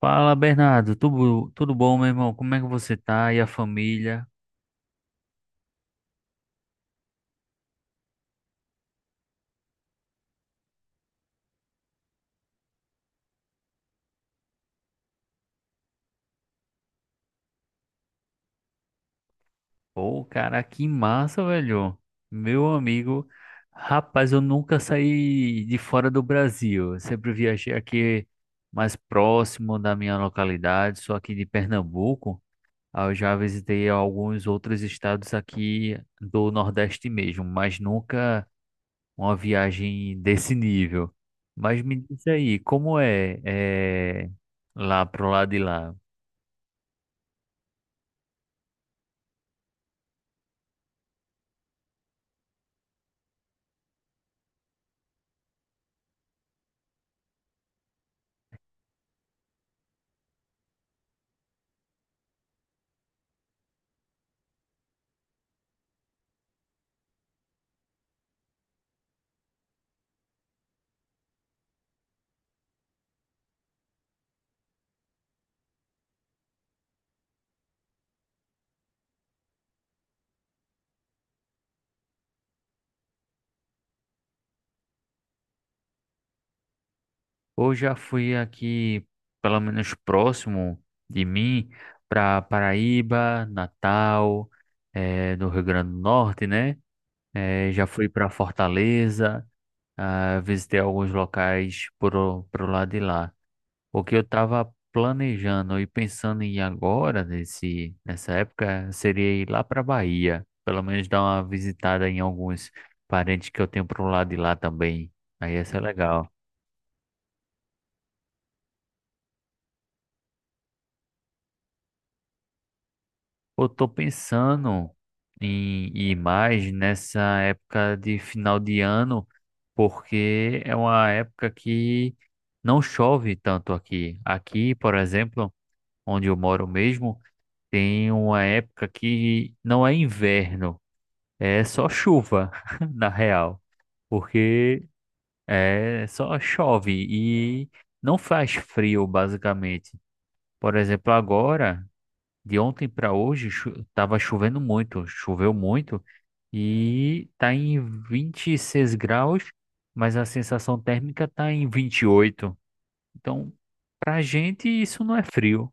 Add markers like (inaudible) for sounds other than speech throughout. Fala, Bernardo. Tudo bom, meu irmão? Como é que você tá? E a família? Pô, cara, que massa, velho. Meu amigo, rapaz, eu nunca saí de fora do Brasil. Eu sempre viajei aqui mais próximo da minha localidade, sou aqui de Pernambuco. Eu já visitei alguns outros estados aqui do Nordeste mesmo, mas nunca uma viagem desse nível. Mas me diz aí, como é lá pro lado de lá? Ou já fui aqui, pelo menos próximo de mim, para Paraíba, Natal, no Rio Grande do Norte, né? Já fui para Fortaleza, ah, visitei alguns locais por, pro lado de lá. O que eu estava planejando e pensando em ir agora, nessa época, seria ir lá para Bahia, pelo menos dar uma visitada em alguns parentes que eu tenho pro lado de lá também. Aí ia ser legal. Eu tô pensando em ir mais nessa época de final de ano, porque é uma época que não chove tanto aqui. Aqui, por exemplo, onde eu moro mesmo, tem uma época que não é inverno, é só chuva, (laughs) na real, porque é só chove e não faz frio, basicamente. Por exemplo, agora de ontem para hoje chu tava chovendo muito, choveu muito e tá em 26 graus, mas a sensação térmica tá em 28. Então, pra gente isso não é frio.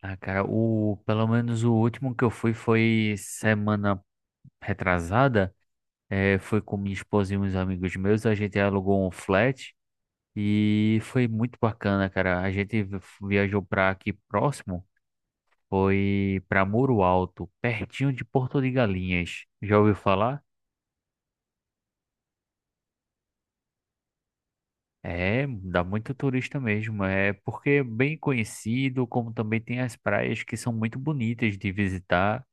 Ah, cara, o pelo menos o último que eu fui foi semana retrasada, foi com minha esposa e uns amigos meus, a gente alugou um flat e foi muito bacana, cara. A gente viajou pra aqui próximo. Foi para Muro Alto, pertinho de Porto de Galinhas. Já ouviu falar? É, dá muito turista mesmo. É porque é bem conhecido, como também tem as praias que são muito bonitas de visitar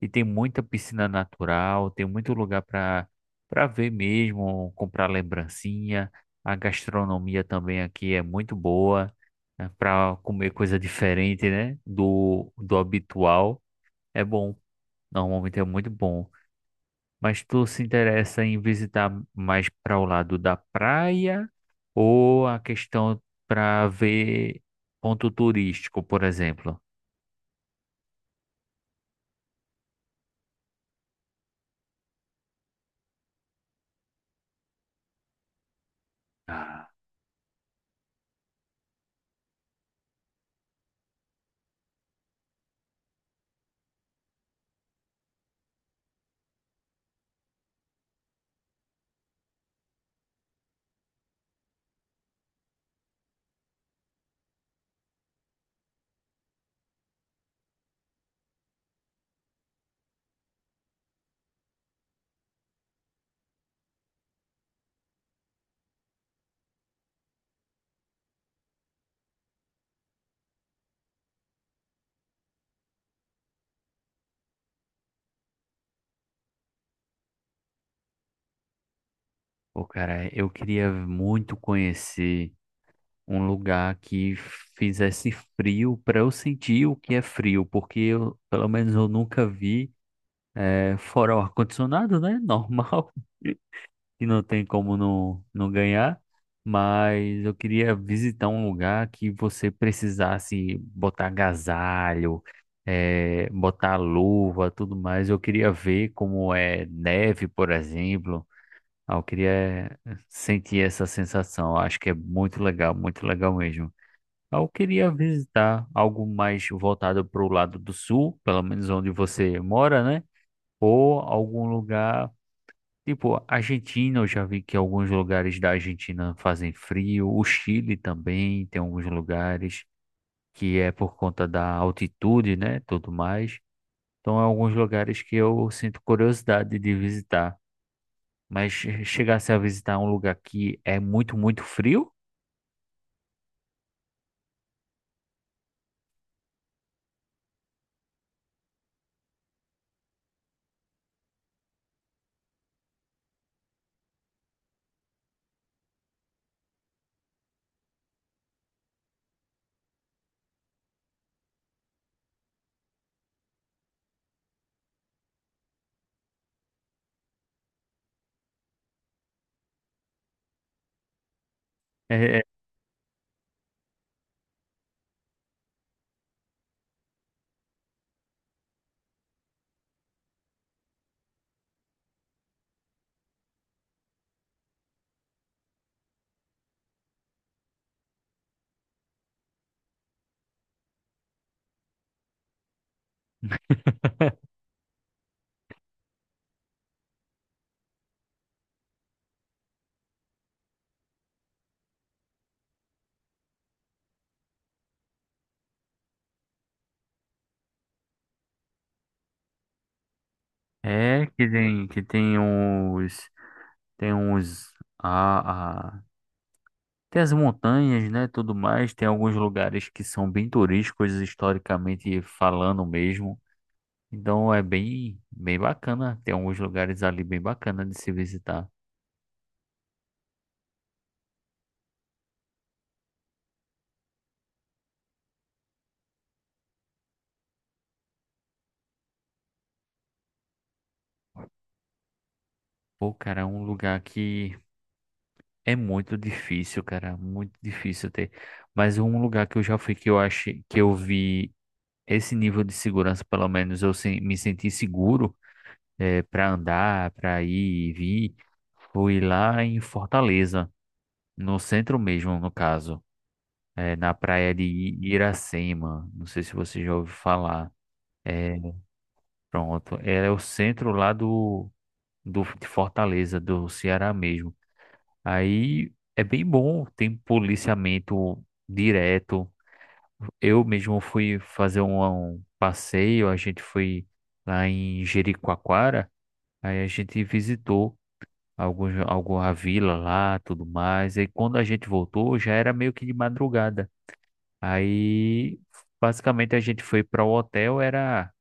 e tem muita piscina natural, tem muito lugar para ver mesmo, comprar lembrancinha. A gastronomia também aqui é muito boa, para comer coisa diferente, né? Do habitual. É bom. Normalmente é muito bom. Mas tu se interessa em visitar mais para o lado da praia ou a questão para ver ponto turístico, por exemplo? Ah, Pô, cara, eu queria muito conhecer um lugar que fizesse frio para eu sentir o que é frio, porque eu, pelo menos eu nunca vi fora o ar-condicionado, né? Normal. (laughs) Que não tem como não ganhar, mas eu queria visitar um lugar que você precisasse botar agasalho, botar luva, tudo mais. Eu queria ver como é neve, por exemplo. Eu queria sentir essa sensação. Eu acho que é muito legal mesmo. Eu queria visitar algo mais voltado para o lado do sul, pelo menos onde você mora, né? Ou algum lugar. Tipo, Argentina, eu já vi que alguns lugares da Argentina fazem frio. O Chile também tem alguns lugares que é por conta da altitude, né? Tudo mais. Então, é alguns lugares que eu sinto curiosidade de visitar. Mas chegasse a visitar um lugar que é muito, muito frio, é. (laughs) É que tem uns, tem uns, a, tem as montanhas, né, tudo mais, tem alguns lugares que são bem turísticos, historicamente falando mesmo. Então é bem, bem bacana, tem alguns lugares ali bem bacana de se visitar. Pô, cara, é um lugar que é muito difícil, cara, muito difícil ter. Mas um lugar que eu já fui que eu achei, que eu vi esse nível de segurança, pelo menos eu me senti seguro para andar, para ir e vir, fui lá em Fortaleza, no centro mesmo, no caso. Na praia de Iracema. Não sei se você já ouviu falar. É, pronto. É o centro lá de Fortaleza, do Ceará mesmo. Aí é bem bom, tem policiamento direto. Eu mesmo fui fazer um passeio, a gente foi lá em Jericoacoara, aí a gente visitou alguma vila lá, tudo mais. E quando a gente voltou, já era meio que de madrugada. Aí, basicamente, a gente foi para o hotel, era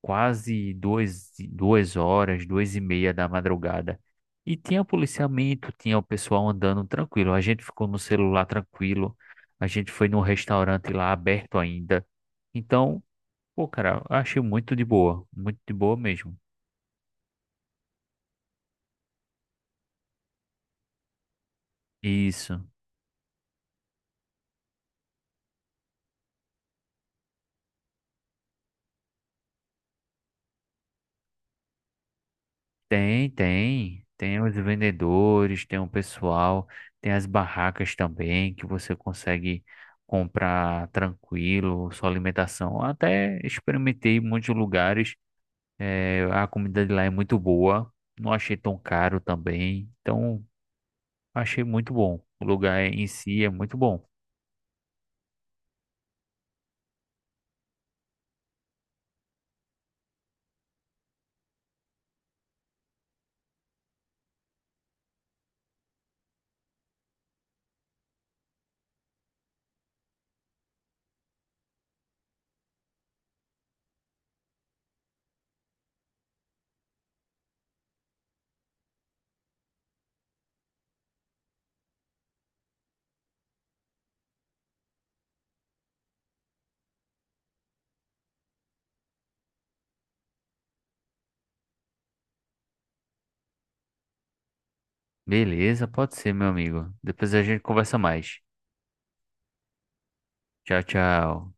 quase duas horas, duas e meia da madrugada. E tinha policiamento, tinha o pessoal andando tranquilo. A gente ficou no celular tranquilo. A gente foi num restaurante lá aberto ainda. Então, pô, cara, eu achei muito de boa mesmo. Isso. Tem, tem. Tem os vendedores, tem o pessoal, tem as barracas também que você consegue comprar tranquilo, sua alimentação. Até experimentei muitos lugares. A comida de lá é muito boa. Não achei tão caro também. Então, achei muito bom. O lugar em si é muito bom. Beleza, pode ser, meu amigo. Depois a gente conversa mais. Tchau, tchau.